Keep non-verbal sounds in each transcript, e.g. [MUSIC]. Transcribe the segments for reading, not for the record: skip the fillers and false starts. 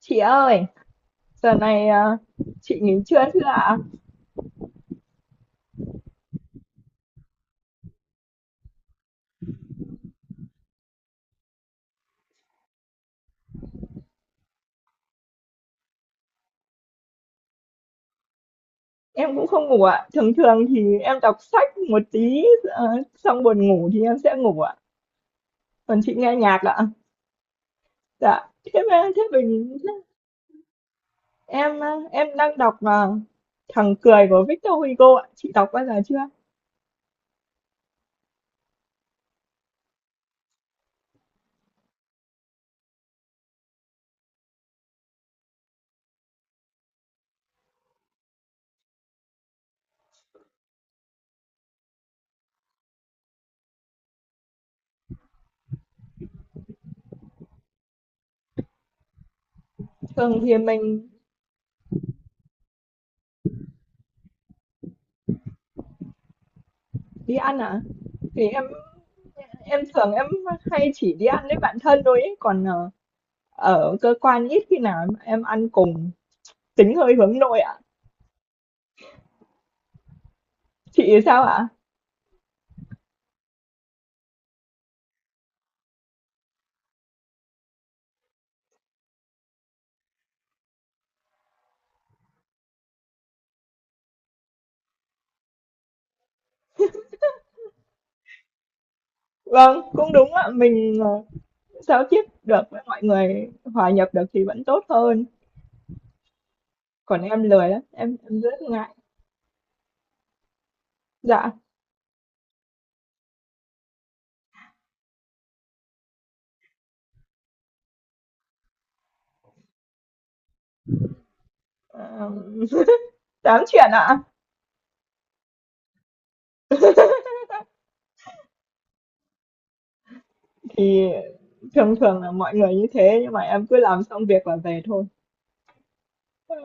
Chị ơi, giờ này chị nghỉ trưa chưa ạ? Em cũng không ngủ ạ. Thường thường thì em đọc sách một tí ờ, xong buồn ngủ thì em sẽ ngủ ạ. Còn chị nghe nhạc ạ. Dạ. Thế mà thế mình em à, em đang đọc à, Thằng cười của Victor Hugo ạ. Chị đọc bao giờ chưa? Thường thì mình đi ăn ạ. Thì em thường em hay chỉ đi ăn với bạn thân thôi ấy. Còn ở cơ quan ít khi nào em ăn cùng, tính hơi hướng nội ạ. Chị sao ạ? Vâng, cũng đúng ạ, mình, giao tiếp được với mọi người, hòa nhập được thì vẫn tốt hơn, còn em lười lắm, em rất ngại. Dạ, ờ, [LAUGHS] tám chuyện ạ, thì thường thường là mọi người như thế nhưng mà em cứ làm xong việc là về thôi. Ờ,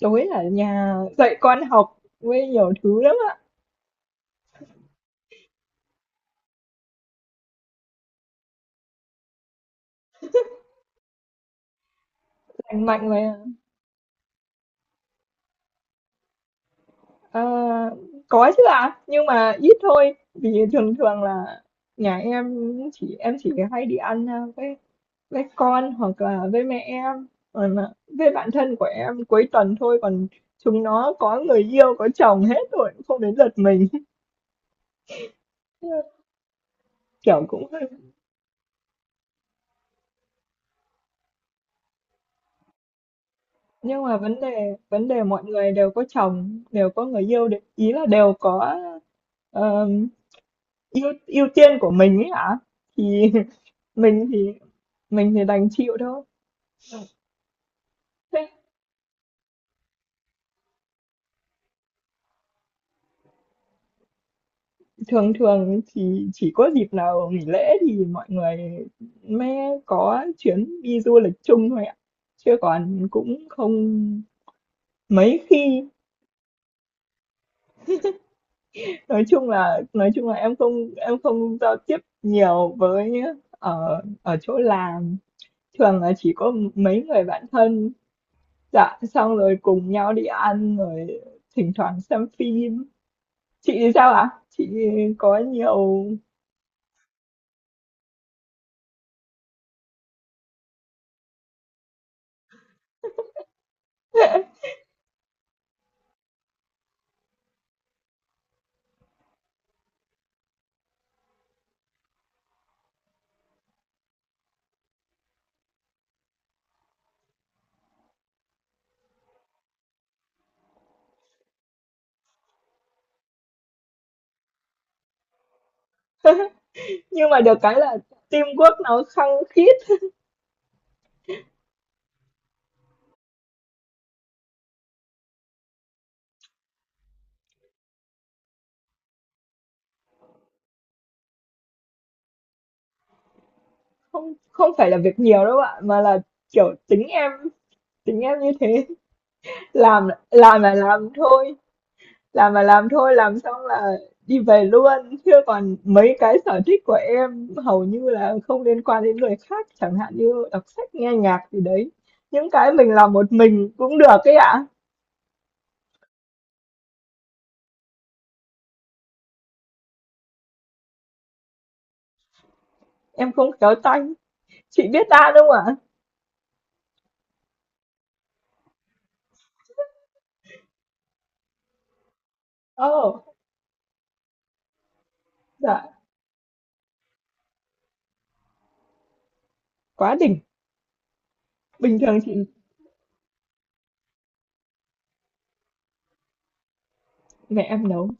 tối ở nhà dạy con học với nhiều thứ lắm ạ, lành mạnh mà. Ờ, có chứ ạ, nhưng mà ít thôi, vì thường thường là nhà em, em chỉ hay đi ăn, a, với con hoặc là với mẹ em, còn là với bạn thân của em cuối tuần thôi, còn chúng nó có người yêu có chồng hết rồi không đến lượt mình. [LAUGHS] Kiểu cũng hơi, nhưng mà vấn đề mọi người đều có chồng đều có người yêu ý là đều có, ờm, ưu ưu tiên của mình ấy hả, thì [LAUGHS] mình thì mình thì đành chịu thôi. Thường thường thì chỉ có dịp nào nghỉ lễ thì mọi người mới có chuyến đi du lịch chung thôi ạ, chứ còn cũng không mấy khi. Nói chung là em không, em không giao tiếp nhiều với, ở ở chỗ làm thường là chỉ có mấy người bạn thân, dạ xong rồi cùng nhau đi ăn, rồi thỉnh thoảng xem phim. Chị thì sao ạ? Chị có nhiều nhưng mà được cái là teamwork nó khăng khít. Không, không phải là việc nhiều đâu bạn, mà là, kiểu, tính em như thế. Làm là làm thôi, làm là làm thôi, làm xong là đi về luôn, chứ còn mấy cái sở thích của em hầu như là không liên quan đến người khác, chẳng hạn như đọc sách, nghe nhạc gì đấy. Những cái mình làm một mình cũng được ấy ạ. Em không khéo tay. Chị biết đan không ạ? Ồ, dạ, quá đỉnh. Bình thường chị mẹ em nấu,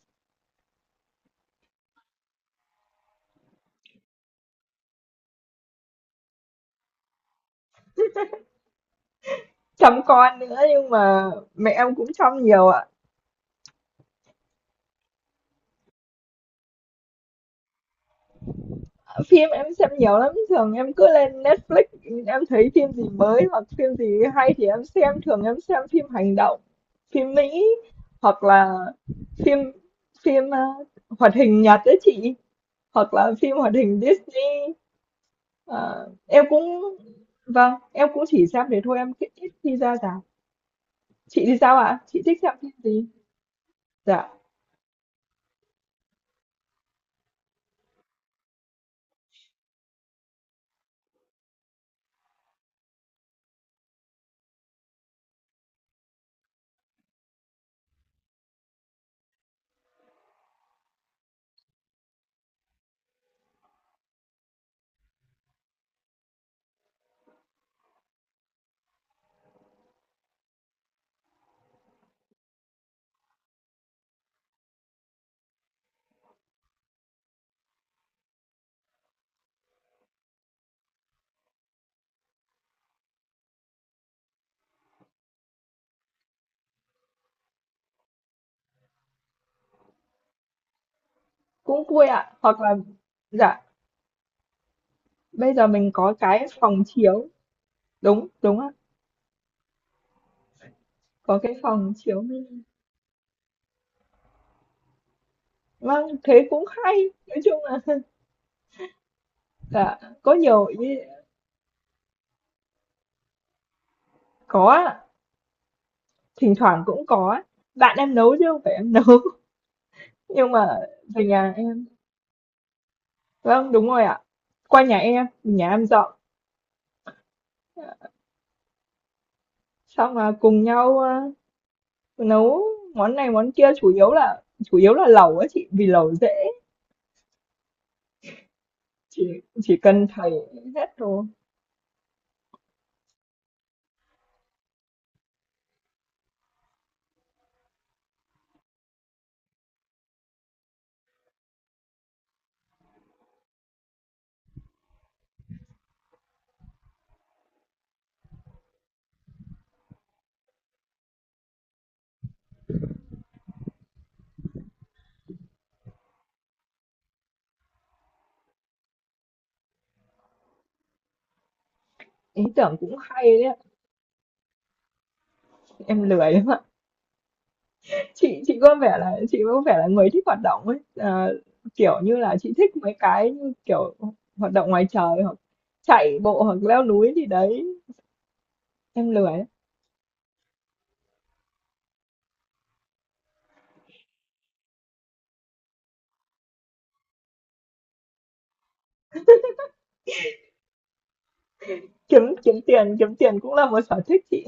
chăm con nữa nhưng mà mẹ em cũng chăm nhiều ạ. Phim em xem nhiều lắm, thường em cứ lên Netflix, em thấy phim gì mới hoặc phim gì hay thì em xem, thường em xem phim hành động, phim Mỹ, hoặc là phim phim ờ, hoạt hình Nhật đấy chị, hoặc là phim hoạt hình Disney. Ờ, em cũng vâng, em cũng chỉ xem thế thôi, em ít ít khi ra rạp. Chị thì sao ạ? Chị thích xem phim gì? Dạ, cũng vui ạ, hoặc là dạ, bây giờ mình có cái phòng chiếu, đúng đúng ạ, có cái phòng chiếu mini. Vâng, thế cũng hay. Nói chung là [LAUGHS] dạ, có nhiều ý. Có ạ, thỉnh thoảng cũng có á. Bạn em nấu chứ không phải em nấu. [LAUGHS] Nhưng mà về nhà em. Vâng, đúng rồi ạ. Qua nhà em dọn. Xong là cùng nhau nấu món này món kia, chủ yếu là lẩu á chị, vì lẩu dễ, chỉ chỉ cần thầy hết đồ. Ý tưởng cũng hay đấy ạ. Em lười lắm ạ. Chị có vẻ là chị có vẻ là người thích hoạt động ấy, kiểu như là, chị thích mấy cái như, kiểu, hoạt động ngoài trời hoặc chạy bộ hoặc leo núi gì đấy, em lười lắm. Kiếm kiếm tiền cũng là một sở thích chị.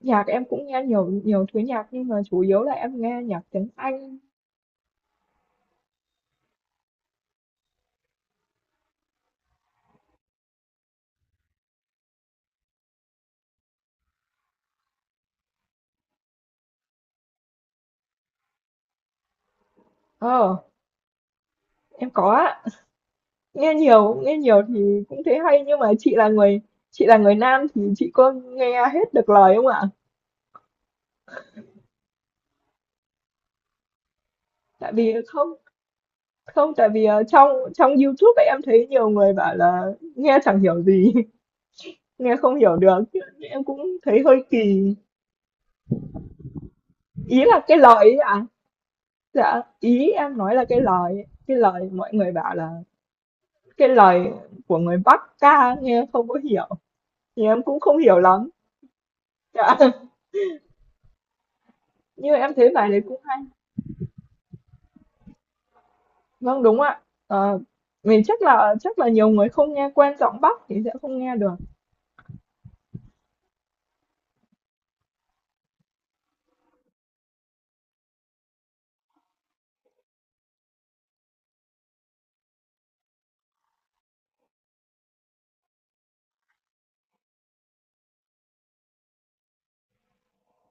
Nhạc em cũng nghe nhiều, nhiều thứ nhạc nhưng mà chủ yếu là em nghe nhạc tiếng Anh. Ờ, em có ạ. Nghe nhiều thì cũng thấy hay, nhưng mà chị là người, chị là người nam thì chị có nghe hết được lời không ạ? Tại vì không, không, tại vì trong trong YouTube ấy, em thấy nhiều người bảo là nghe chẳng hiểu gì, [LAUGHS] nghe không hiểu được. Chứ em cũng thấy hơi kỳ. Ý là cái lời ấy à? Dạ, ý em nói là cái lời mọi người bảo là cái lời của người Bắc ca nghe không có hiểu. Thì em cũng không hiểu lắm. Dạ. [LAUGHS] Nhưng em thấy bài đấy cũng hay. Vâng, đúng ạ. Ờ, mình chắc là nhiều người không nghe quen giọng Bắc thì sẽ không nghe được.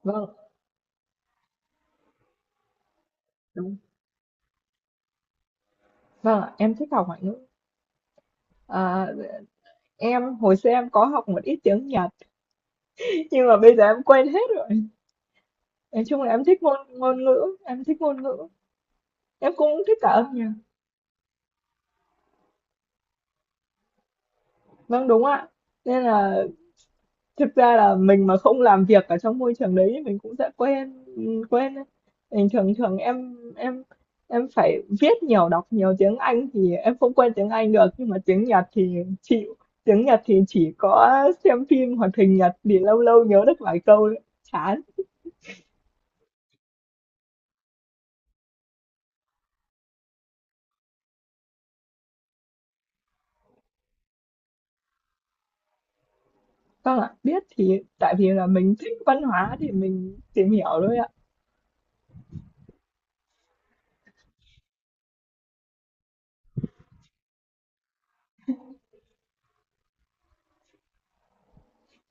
Vâng, đúng. Vâng, ạ, em thích học ngoại ngữ. Ờ, hồi xưa em có học một ít tiếng Nhật, [LAUGHS] nhưng mà bây giờ em quên hết rồi. Nói chung là em thích ngôn ngôn ngữ, em thích ngôn ngữ, em cũng thích cả âm nhạc. Vâng đúng ạ. Nên là thực ra là mình mà không làm việc ở trong môi trường đấy thì mình cũng sẽ quên, đấy. Bình thường thường em phải viết nhiều, đọc nhiều tiếng Anh thì em không quên tiếng Anh được, nhưng mà tiếng Nhật thì chịu. Tiếng Nhật thì chỉ có xem phim hoạt hình Nhật thì lâu lâu nhớ được vài câu, ấy. Chán. Vâng ạ, biết thì tại vì là mình thích văn hóa thì mình tìm hiểu thôi ạ.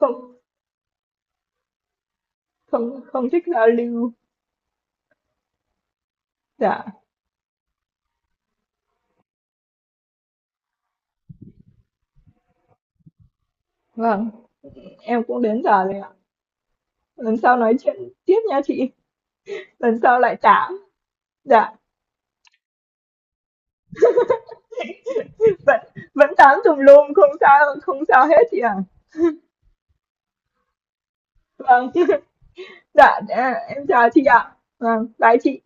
Không, không thích giao lưu. Dạ, vâng, em cũng đến giờ rồi ạ. Lần sau nói chuyện tiếp nha chị. Lần sau lại tám. Dạ, vẫn, vẫn tám tùm lum, không sao không sao hết chị ạ. Vâng. [LAUGHS] Dạ, em chào chị ạ. Vâng, bye chị.